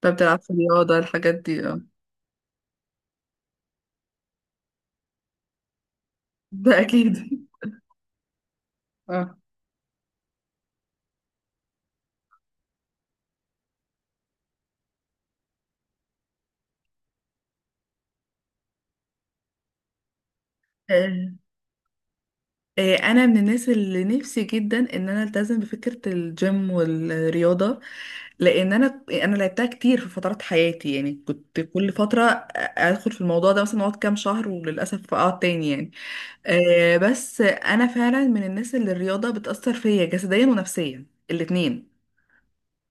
طب بتلعب في الرياضة الحاجات دي اه ده أكيد. اه. آه، أنا من الناس اللي نفسي جدا إن أنا ألتزم بفكرة الجيم والرياضة، لأن أنا لعبتها كتير في فترات حياتي، يعني كنت كل فترة أدخل في الموضوع ده مثلا أقعد كام شهر وللأسف أقعد تاني يعني. بس أنا فعلا من الناس اللي الرياضة بتأثر فيا جسديا ونفسيا الاتنين.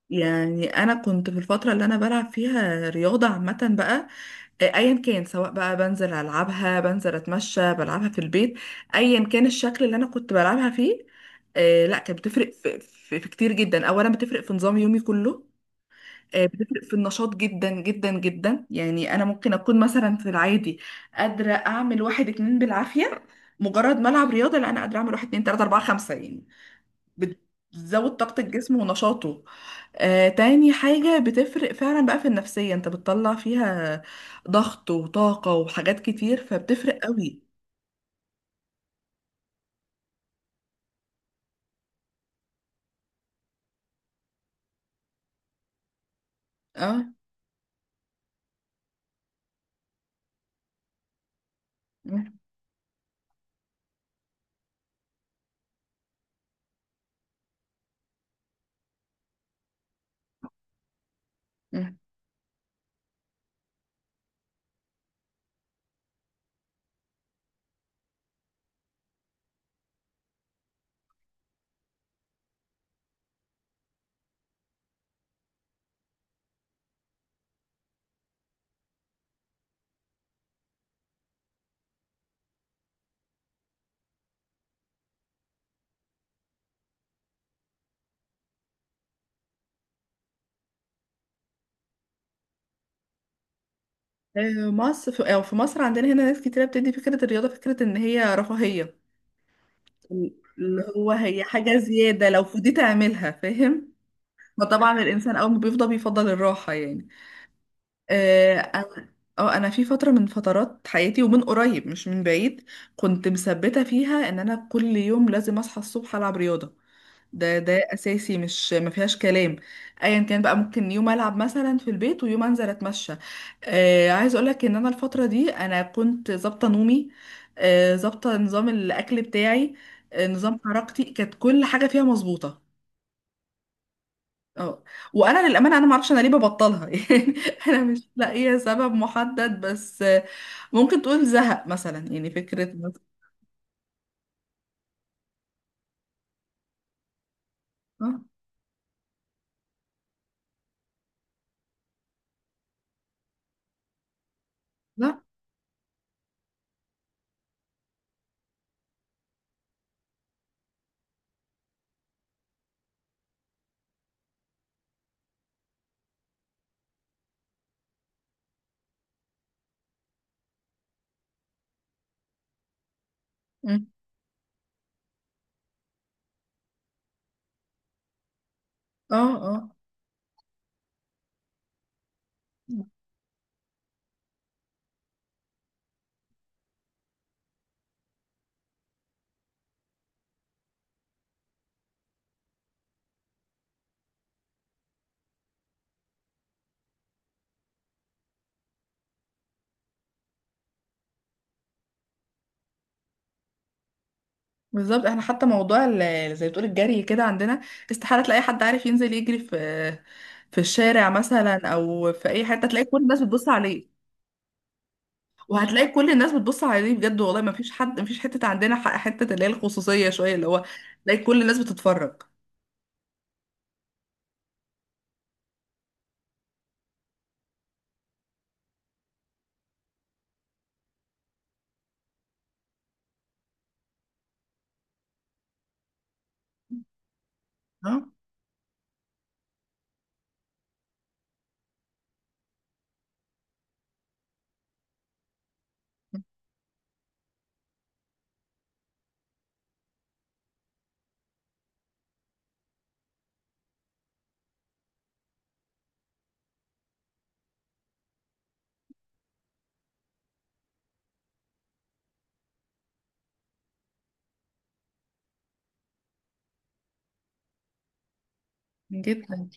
يعني انا كنت في الفتره اللي انا بلعب فيها رياضه عامه بقى، ايا كان، سواء بقى بنزل العبها، بنزل اتمشى، بلعبها في البيت، ايا كان الشكل اللي انا كنت بلعبها فيه. لا، كانت بتفرق في كتير جدا. اولا بتفرق في نظام يومي كله. بتفرق في النشاط جدا جدا جدا. يعني انا ممكن اكون مثلا في العادي قادره اعمل واحد اتنين بالعافيه، مجرد ما العب رياضه لا انا قادره اعمل واحد اتنين تلاته اربعه خمسه يعني، بتزود طاقة الجسم ونشاطه. تاني حاجة بتفرق فعلا بقى في النفسية، انت بتطلع فيها ضغط وطاقة وحاجات كتير، فبتفرق قوي. اه. مم. مم. مصر أو في مصر عندنا هنا ناس كتيرة بتدي فكرة الرياضة فكرة ان هي رفاهية، اللي هو هي حاجة زيادة لو فضيت اعملها فاهم. فطبعا الانسان اول ما بيفضى بيفضل الراحة يعني. آه، انا. اه، انا في فتره من فترات حياتي ومن قريب مش من بعيد كنت مثبته فيها ان انا كل يوم لازم اصحى الصبح العب رياضه، ده اساسي مش ما فيهاش كلام. ايا كان بقى، ممكن يوم العب مثلا في البيت ويوم انزل اتمشى. آه، عايز اقولك ان انا الفتره دي انا كنت ظابطه نومي، آه، ظابطه نظام الاكل بتاعي، آه، نظام حركتي، كانت كل حاجه فيها مظبوطه. اه. وانا للامانه انا ما اعرفش انا ليه ببطلها يعني، انا مش لاقيه سبب محدد، بس ممكن تقول زهق مثلا يعني فكره. اه. لا. مم. اه. اه، بالظبط. احنا حتى موضوع زي بتقول الجري كده عندنا استحاله تلاقي حد عارف ينزل يجري في الشارع مثلا او في اي حته، تلاقي كل الناس بتبص عليه. وهتلاقي كل الناس بتبص عليه بجد، والله ما فيش حد، ما فيش حته عندنا حته اللي هي الخصوصيه شويه، اللي هو تلاقي كل الناس بتتفرج. اه. جدا.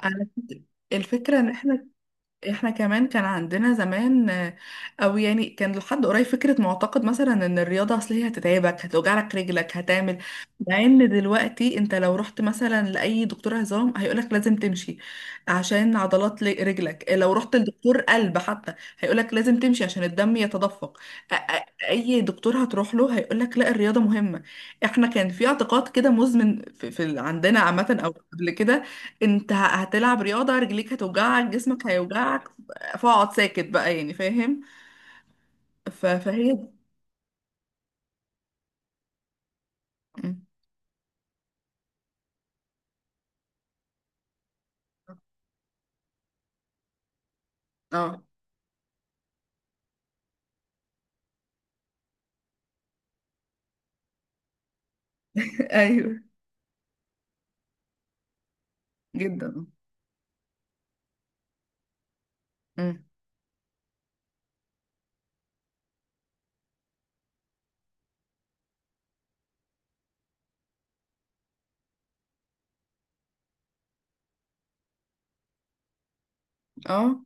على فكرة، الفكرة ان احنا، احنا كمان كان عندنا زمان آه، او يعني كان لحد قريب فكرة معتقد مثلا ان الرياضة اصل هي هتتعبك، هتوجعلك رجلك، هتعمل. مع ان دلوقتي انت لو رحت مثلا لأي دكتور عظام هيقولك لازم تمشي عشان عضلات رجلك، لو رحت لدكتور قلب حتى هيقولك لازم تمشي عشان الدم يتدفق. اي دكتور هتروح له هيقولك لا الرياضة مهمة. احنا كان في اعتقاد كده مزمن في عندنا عامة او قبل كده، انت هتلعب رياضة رجليك هتوجعك جسمك هيوجعك، فاقعد ساكت بقى يعني فاهم. فهي. مم. اه ايوه. جدا. مم. اه.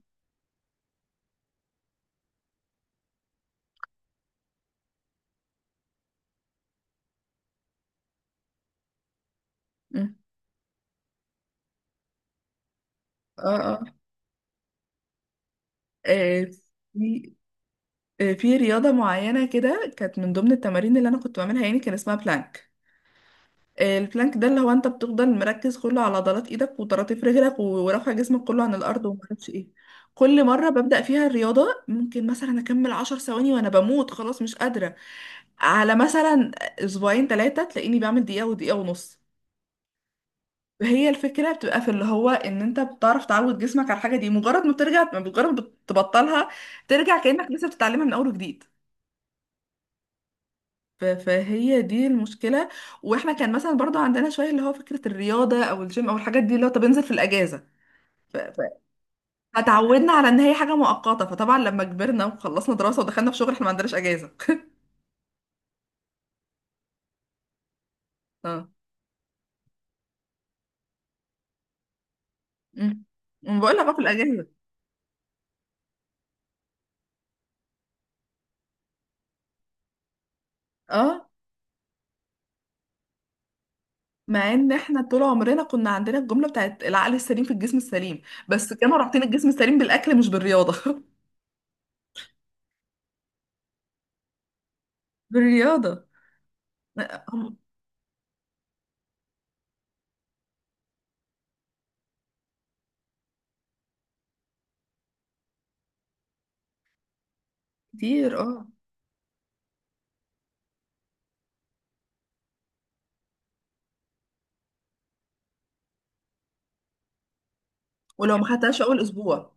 مم. اه. اه. آه، في. في رياضة معينة كده كانت من ضمن التمارين اللي انا كنت بعملها، يعني كان اسمها بلانك. آه، البلانك ده اللي هو انت بتفضل مركز كله على عضلات ايدك وطراطيف رجلك ورافع جسمك كله عن الارض وما اعرفش ايه. كل مرة ببدأ فيها الرياضة ممكن مثلا اكمل عشر ثواني وانا بموت خلاص مش قادرة، على مثلا اسبوعين ثلاثة تلاقيني بعمل دقيقة ودقيقة ونص. هي الفكرة بتبقى في اللي هو ان انت بتعرف تعود جسمك على الحاجة دي، مجرد ما بترجع، مجرد ما بتبطلها، ترجع كأنك لسه بتتعلمها من اول وجديد. فهي دي المشكلة. واحنا كان مثلا برضو عندنا شوية اللي هو فكرة الرياضة او الجيم او الحاجات دي، اللي هو طب انزل في الاجازة. ف- ف- فتعودنا على ان هي حاجة مؤقتة، فطبعا لما كبرنا وخلصنا دراسة ودخلنا في شغل احنا ما عندناش اجازة اه. امم. بقول لك بقى في الاجازة. اه، مع ان احنا طول عمرنا كنا عندنا الجمله بتاعت العقل السليم في الجسم السليم، بس كانوا رابطين الجسم السليم بالاكل مش بالرياضه بالرياضة. هم. كتير اه. ولو ما خدتهاش اول اسبوع.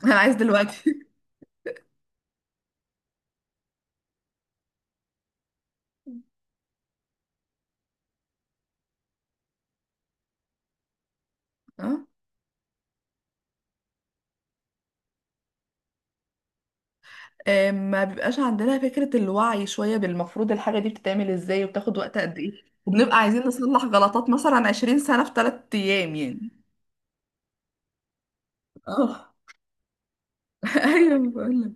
انا عايز دلوقتي اه. آه، ما بيبقاش عندنا فكره الوعي شويه بالمفروض الحاجه دي بتتعمل ازاي وبتاخد وقت قد ايه، وبنبقى عايزين نصلح غلطات مثلا 20 سنه في 3 ايام يعني. اه ايوه بقول لك.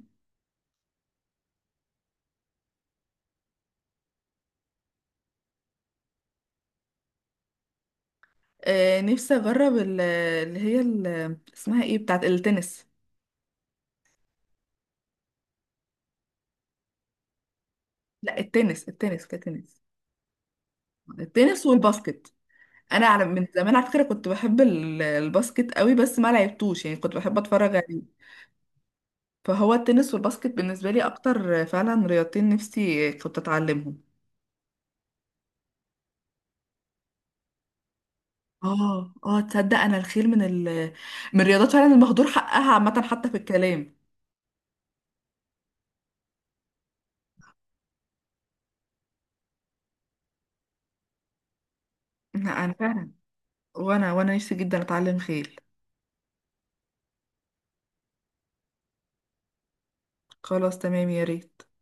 آه، نفسي اجرب اسمها ايه بتاعت التنس. لا، التنس، التنس كتنس. التنس والباسكت. انا على من زمان على فكره كنت بحب الباسكت قوي بس ما لعبتوش، يعني كنت بحب اتفرج عليه. فهو التنس والباسكت بالنسبه لي اكتر، فعلا رياضتين نفسي كنت اتعلمهم. اه اه. تصدق انا الخيل من ال، من الرياضات فعلا المهدور حقها عامه حتى في الكلام. لا انا فعلا، وانا نفسي جدا اتعلم خيل. خلاص تمام يا ريت.